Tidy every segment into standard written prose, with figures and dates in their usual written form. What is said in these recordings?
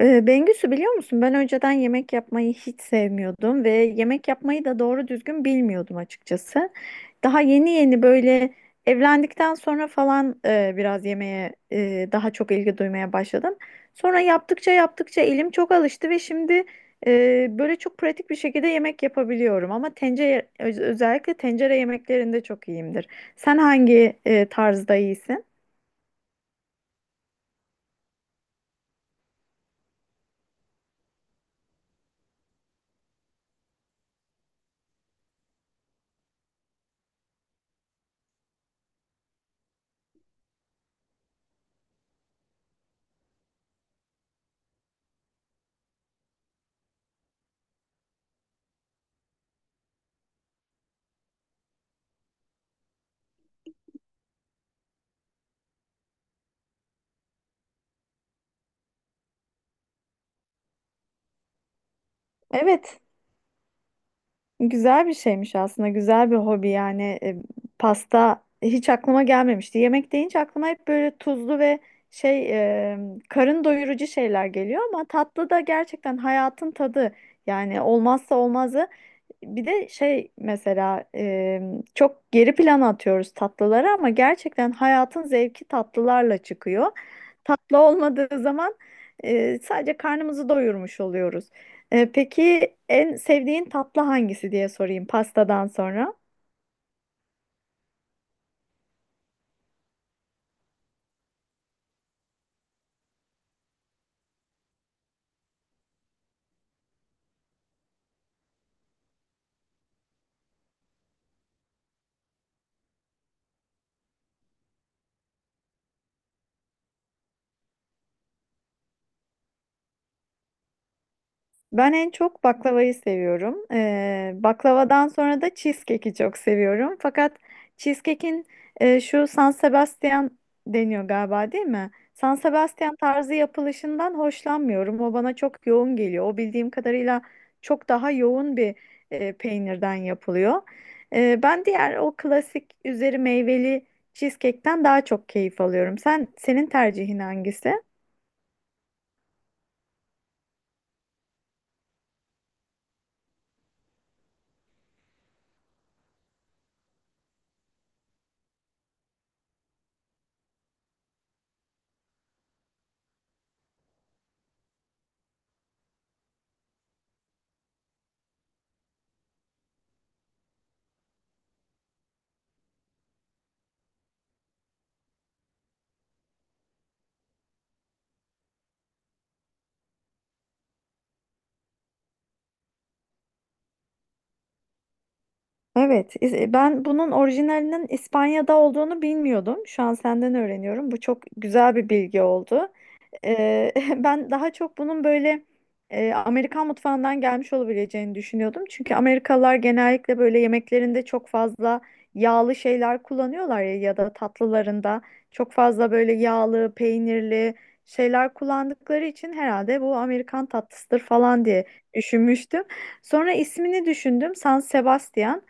Bengüsü biliyor musun? Ben önceden yemek yapmayı hiç sevmiyordum ve yemek yapmayı da doğru düzgün bilmiyordum açıkçası. Daha yeni yeni böyle evlendikten sonra falan biraz yemeğe daha çok ilgi duymaya başladım. Sonra yaptıkça yaptıkça elim çok alıştı ve şimdi böyle çok pratik bir şekilde yemek yapabiliyorum. Ama tencere özellikle tencere yemeklerinde çok iyiyimdir. Sen hangi tarzda iyisin? Evet. Güzel bir şeymiş aslında. Güzel bir hobi yani. Pasta hiç aklıma gelmemişti. Yemek deyince aklıma hep böyle tuzlu ve şey e, karın doyurucu şeyler geliyor ama tatlı da gerçekten hayatın tadı. Yani olmazsa olmazı. Bir de şey mesela çok geri plana atıyoruz tatlıları ama gerçekten hayatın zevki tatlılarla çıkıyor. Tatlı olmadığı zaman sadece karnımızı doyurmuş oluyoruz. Peki en sevdiğin tatlı hangisi diye sorayım pastadan sonra. Ben en çok baklavayı seviyorum. Baklavadan sonra da cheesecake'i çok seviyorum. Fakat cheesecake'in şu San Sebastian deniyor galiba değil mi? San Sebastian tarzı yapılışından hoşlanmıyorum. O bana çok yoğun geliyor. O bildiğim kadarıyla çok daha yoğun bir peynirden yapılıyor. Ben diğer o klasik üzeri meyveli cheesecake'ten daha çok keyif alıyorum. Senin tercihin hangisi? Evet, ben bunun orijinalinin İspanya'da olduğunu bilmiyordum. Şu an senden öğreniyorum. Bu çok güzel bir bilgi oldu. Ben daha çok bunun böyle Amerikan mutfağından gelmiş olabileceğini düşünüyordum. Çünkü Amerikalılar genellikle böyle yemeklerinde çok fazla yağlı şeyler kullanıyorlar ya, ya da tatlılarında çok fazla böyle yağlı, peynirli şeyler kullandıkları için herhalde bu Amerikan tatlısıdır falan diye düşünmüştüm. Sonra ismini düşündüm, San Sebastian.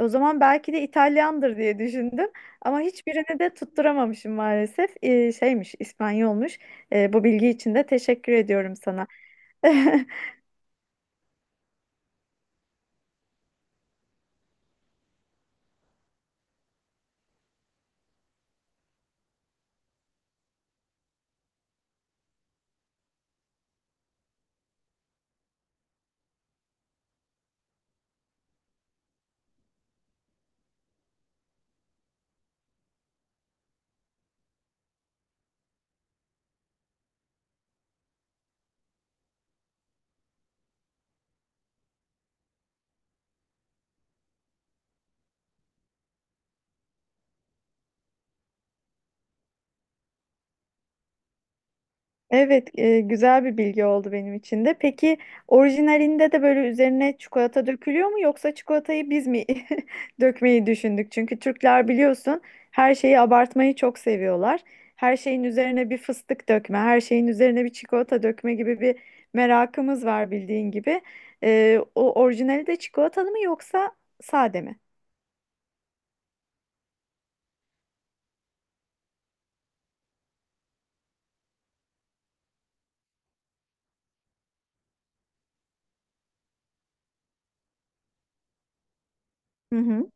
O zaman belki de İtalyandır diye düşündüm. Ama hiçbirini de tutturamamışım maalesef. Şeymiş, İspanyolmuş. Bu bilgi için de teşekkür ediyorum sana. Evet, güzel bir bilgi oldu benim için de. Peki orijinalinde de böyle üzerine çikolata dökülüyor mu yoksa çikolatayı biz mi dökmeyi düşündük? Çünkü Türkler biliyorsun her şeyi abartmayı çok seviyorlar. Her şeyin üzerine bir fıstık dökme, her şeyin üzerine bir çikolata dökme gibi bir merakımız var bildiğin gibi. O orijinali de çikolatalı mı yoksa sade mi? Hı hı.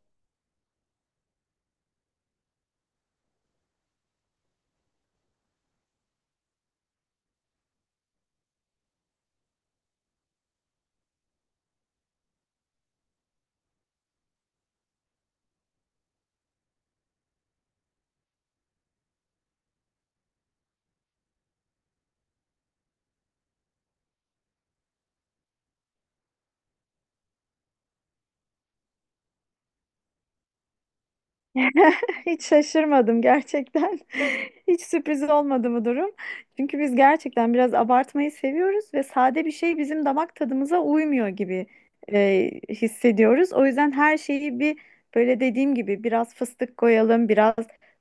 Hiç şaşırmadım gerçekten. Hiç sürpriz olmadı bu durum. Çünkü biz gerçekten biraz abartmayı seviyoruz ve sade bir şey bizim damak tadımıza uymuyor gibi hissediyoruz. O yüzden her şeyi bir böyle dediğim gibi biraz fıstık koyalım, biraz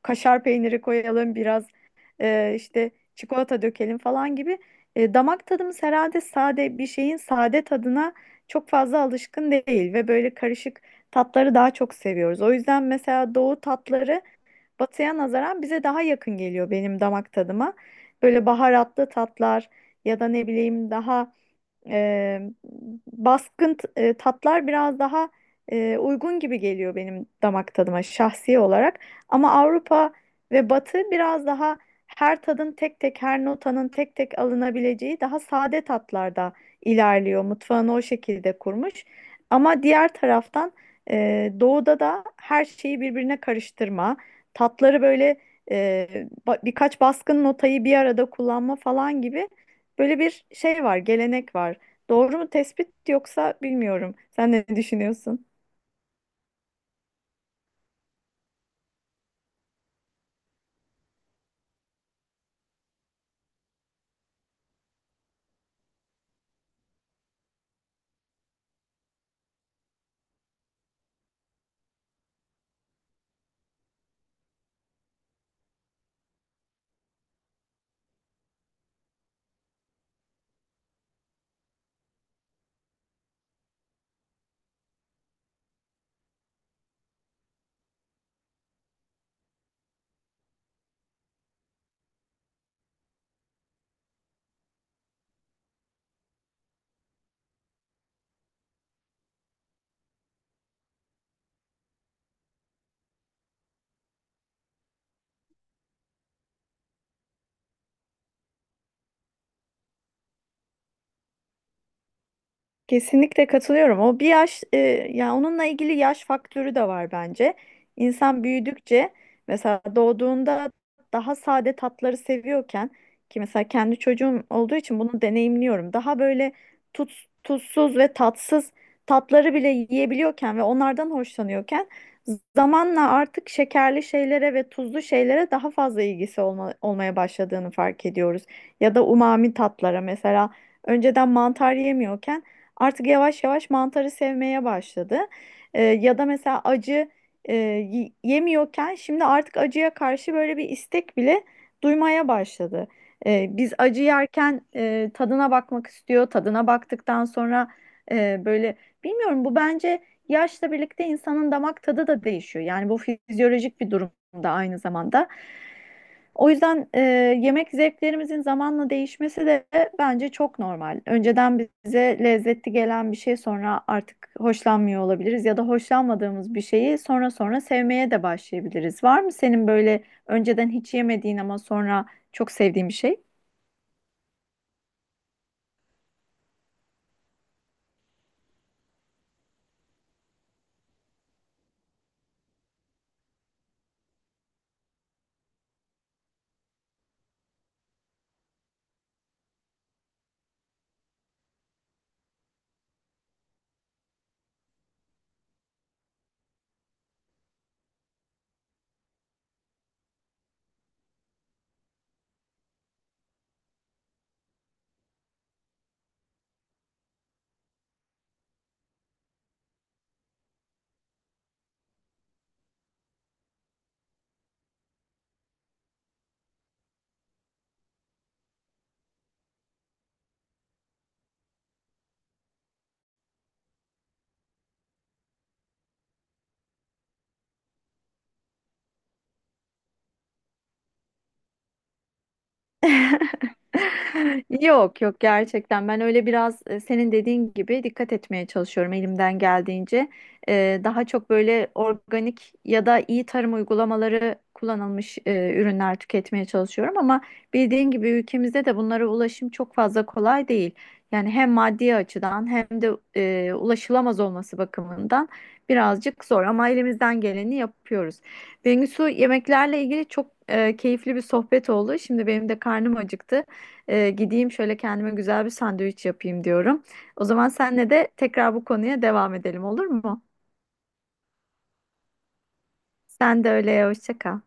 kaşar peyniri koyalım, biraz işte çikolata dökelim falan gibi. Damak tadımız herhalde sade bir şeyin sade tadına çok fazla alışkın değil ve böyle karışık tatları daha çok seviyoruz. O yüzden mesela doğu tatları batıya nazaran bize daha yakın geliyor benim damak tadıma. Böyle baharatlı tatlar ya da ne bileyim daha e, baskın tatlar biraz daha uygun gibi geliyor benim damak tadıma şahsi olarak. Ama Avrupa ve Batı biraz daha her tadın tek tek, her notanın tek tek alınabileceği daha sade tatlarda ilerliyor. Mutfağını o şekilde kurmuş. Ama diğer taraftan doğuda da her şeyi birbirine karıştırma, tatları böyle e, birkaç baskın notayı bir arada kullanma falan gibi böyle bir şey var, gelenek var. Doğru mu tespit yoksa bilmiyorum. Sen ne düşünüyorsun? Kesinlikle katılıyorum. O bir yaş, ya onunla ilgili yaş faktörü de var bence. İnsan büyüdükçe mesela doğduğunda daha sade tatları seviyorken ki mesela kendi çocuğum olduğu için bunu deneyimliyorum. Daha böyle tuz, tuzsuz ve tatsız tatları bile yiyebiliyorken ve onlardan hoşlanıyorken zamanla artık şekerli şeylere ve tuzlu şeylere daha fazla ilgisi olmaya başladığını fark ediyoruz. Ya da umami tatlara mesela önceden mantar yemiyorken artık yavaş yavaş mantarı sevmeye başladı. Ya da mesela acı yemiyorken şimdi artık acıya karşı böyle bir istek bile duymaya başladı. Biz acı yerken tadına bakmak istiyor. Tadına baktıktan sonra böyle bilmiyorum bu bence yaşla birlikte insanın damak tadı da değişiyor. Yani bu fizyolojik bir durum da aynı zamanda. O yüzden yemek zevklerimizin zamanla değişmesi de bence çok normal. Önceden bize lezzetli gelen bir şey sonra artık hoşlanmıyor olabiliriz ya da hoşlanmadığımız bir şeyi sonra sonra sevmeye de başlayabiliriz. Var mı senin böyle önceden hiç yemediğin ama sonra çok sevdiğin bir şey? Yok yok gerçekten ben öyle biraz senin dediğin gibi dikkat etmeye çalışıyorum elimden geldiğince. Daha çok böyle organik ya da iyi tarım uygulamaları kullanılmış ürünler tüketmeye çalışıyorum ama bildiğin gibi ülkemizde de bunlara ulaşım çok fazla kolay değil. Yani hem maddi açıdan hem de ulaşılamaz olması bakımından birazcık zor ama elimizden geleni yapıyoruz. Bengisu yemeklerle ilgili çok keyifli bir sohbet oldu. Şimdi benim de karnım acıktı. Gideyim şöyle kendime güzel bir sandviç yapayım diyorum. O zaman senle de tekrar bu konuya devam edelim olur mu? Sen de öyle hoşça kal.